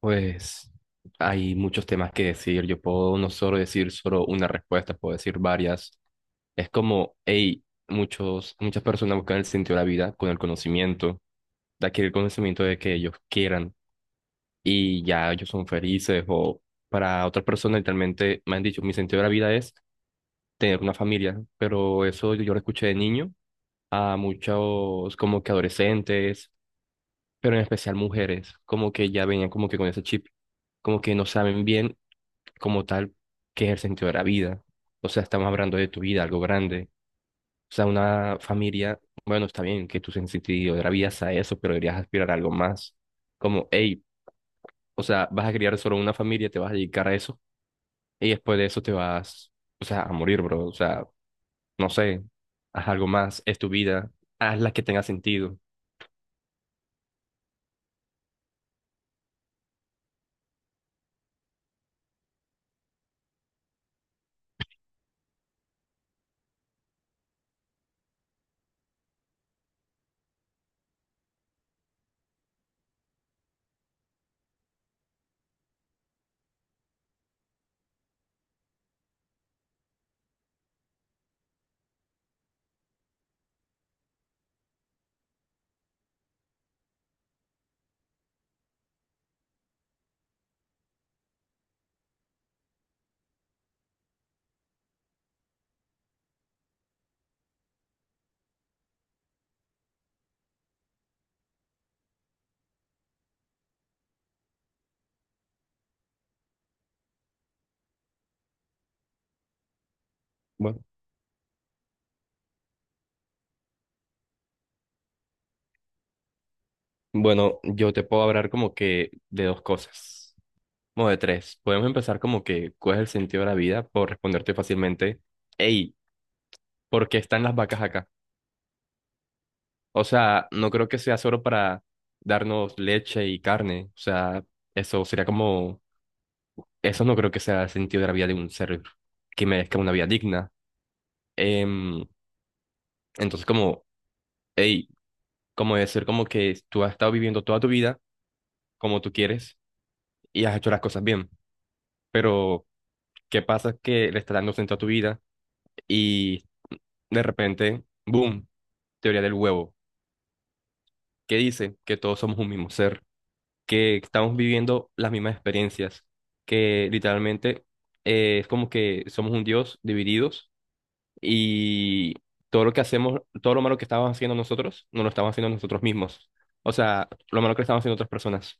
Pues hay muchos temas que decir. Yo puedo no solo decir solo una respuesta, puedo decir varias. Es como, hey, muchas personas buscan el sentido de la vida con el conocimiento, de adquirir conocimiento de que ellos quieran y ya ellos son felices. O para otras personas, literalmente me han dicho, mi sentido de la vida es tener una familia, pero eso yo lo escuché de niño a muchos como que adolescentes pero en especial mujeres, como que ya venían como que con ese chip, como que no saben bien como tal qué es el sentido de la vida. O sea, estamos hablando de tu vida, algo grande. O sea, una familia, bueno, está bien que tu sentido de la vida sea eso, pero deberías aspirar a algo más. Como, hey, o sea, vas a criar solo una familia, te vas a dedicar a eso, y después de eso te vas, o sea, a morir, bro. O sea, no sé, haz algo más, es tu vida, haz la que tenga sentido. Bueno, bueno, yo te puedo hablar como que de dos cosas. Modo de tres. Podemos empezar como que, ¿cuál es el sentido de la vida? Por responderte fácilmente, hey, ¿por qué están las vacas acá? O sea, no creo que sea solo para darnos leche y carne. O sea, eso sería como, eso no creo que sea el sentido de la vida de un ser que merezca una vida digna. Em, entonces, como, hey, como decir como que tú has estado viviendo toda tu vida como tú quieres y has hecho las cosas bien, pero ¿qué pasa que le está dando sentido a tu vida y de repente, boom? Teoría del huevo, que dice que todos somos un mismo ser, que estamos viviendo las mismas experiencias, que literalmente es como que somos un Dios divididos y todo lo que hacemos, todo lo malo que estamos haciendo nosotros, no lo estamos haciendo nosotros mismos. O sea, lo malo que estamos haciendo otras personas.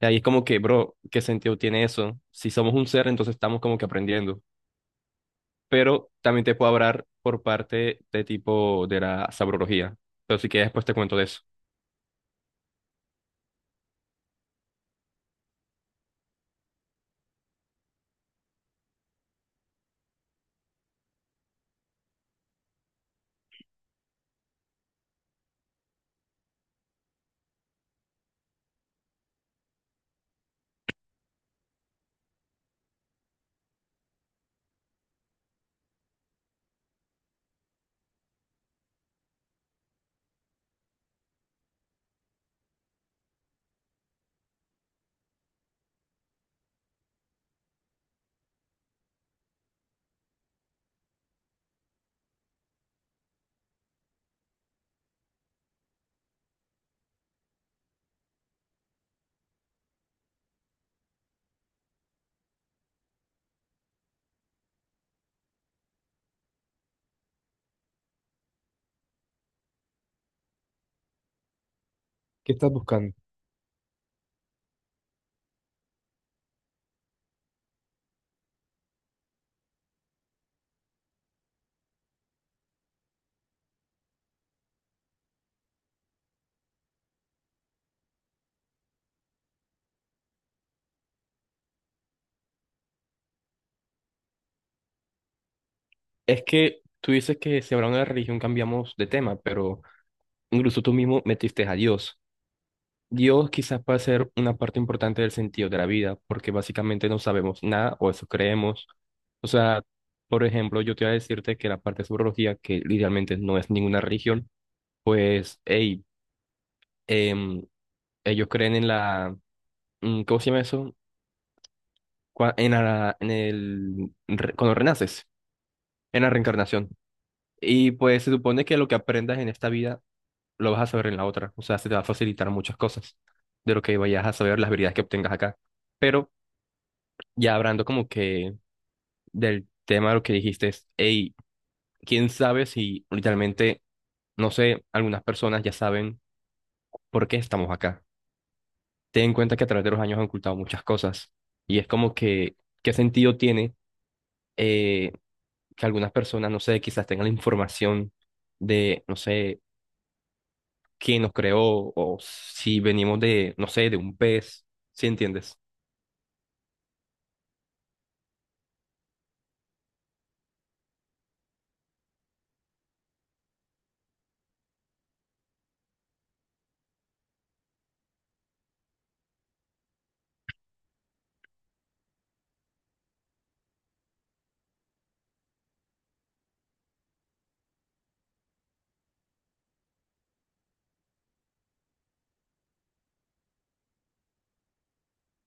Y ahí es como que, bro, ¿qué sentido tiene eso? Si somos un ser, entonces estamos como que aprendiendo. Pero también te puedo hablar por parte de tipo de la sabrología. Pero si que después te cuento de eso. Es que tú dices que si hablamos de la religión cambiamos de tema, pero incluso tú mismo metiste a Dios. Dios quizás puede ser una parte importante del sentido de la vida, porque básicamente no sabemos nada o eso creemos. O sea, por ejemplo, yo te voy a decirte que la parte de sobrología, que idealmente no es ninguna religión, pues, hey, em, ellos creen en la, ¿cómo se llama eso? En la, en el, cuando renaces, en la reencarnación. Y pues se supone que lo que aprendas en esta vida lo vas a saber en la otra. O sea, se te va a facilitar muchas cosas de lo que vayas a saber, las habilidades que obtengas acá. Pero ya hablando como que del tema de lo que dijiste, es, hey, quién sabe si literalmente, no sé, algunas personas ya saben por qué estamos acá. Ten en cuenta que a través de los años han ocultado muchas cosas. Y es como que, ¿qué sentido tiene eh, que algunas personas, no sé, quizás tengan la información de, no sé, quién nos creó o si venimos de, no sé, de un pez, ¿sí entiendes?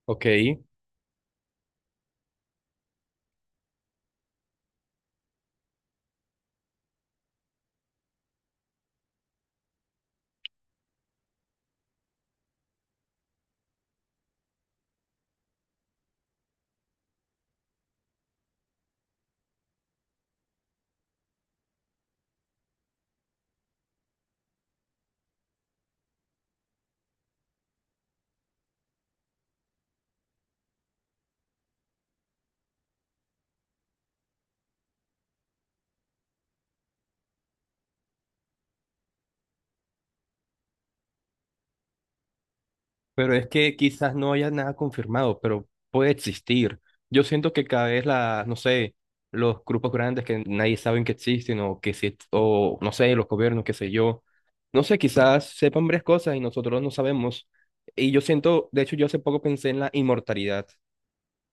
Ok, pero es que quizás no haya nada confirmado, pero puede existir. Yo siento que cada vez la, no sé, los grupos grandes que nadie sabe que existen o que si, o no sé, los gobiernos, qué sé yo, no sé, quizás sepan varias cosas y nosotros no sabemos. Y yo siento, de hecho, yo hace poco pensé en la inmortalidad.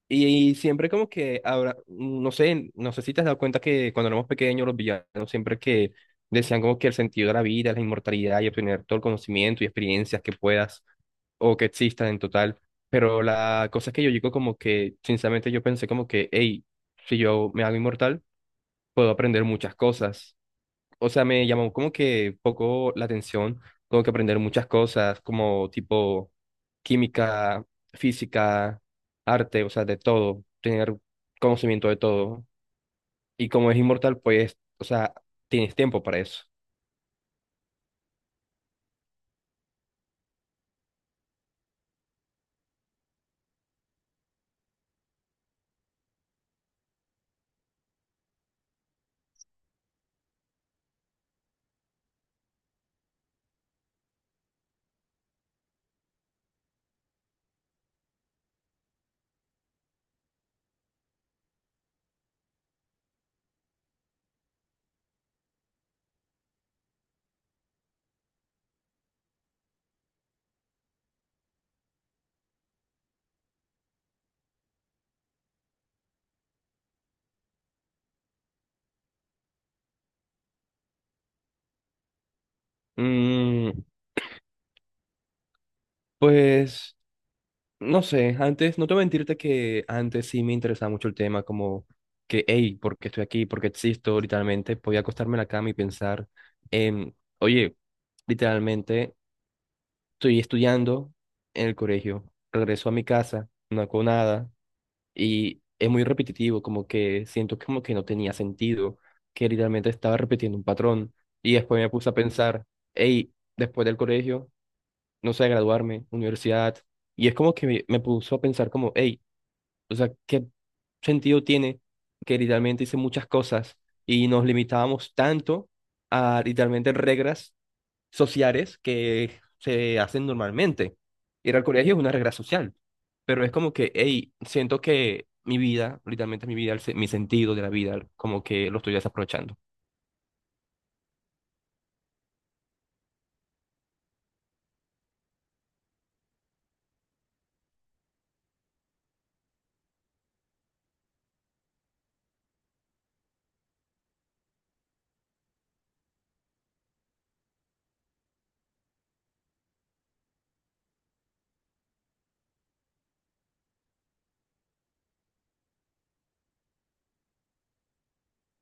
Y, siempre como que ahora, no sé, no sé si te has dado cuenta que cuando éramos pequeños los villanos siempre que decían como que el sentido de la vida es la inmortalidad y obtener todo el conocimiento y experiencias que puedas. O que existan en total. Pero la cosa es que yo digo como que, sinceramente, yo pensé como que, hey, si yo me hago inmortal, puedo aprender muchas cosas. O sea, me llamó como que poco la atención, como que aprender muchas cosas, como tipo química, física, arte, o sea, de todo, tener conocimiento de todo. Y como es inmortal, pues, o sea, tienes tiempo para eso. Mm, pues... No sé, antes, no te voy a mentirte que antes sí me interesaba mucho el tema, como que, hey, ¿por qué estoy aquí? ¿Por qué existo? Literalmente, podía acostarme en la cama y pensar en, oye, literalmente, estoy estudiando en el colegio, regreso a mi casa, no hago nada, y es muy repetitivo, como que siento como que no tenía sentido, que literalmente estaba repitiendo un patrón, y después me puse a pensar, hey, después del colegio, no sé, graduarme, universidad, y es como que me puso a pensar como, hey, o sea, ¿qué sentido tiene que literalmente hice muchas cosas y nos limitábamos tanto a literalmente reglas sociales que se hacen normalmente? Ir al colegio es una regla social, pero es como que, hey, siento que mi vida, literalmente mi vida, mi sentido de la vida, como que lo estoy desaprovechando.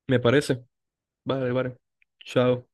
Me parece. Vale, vale. Chao.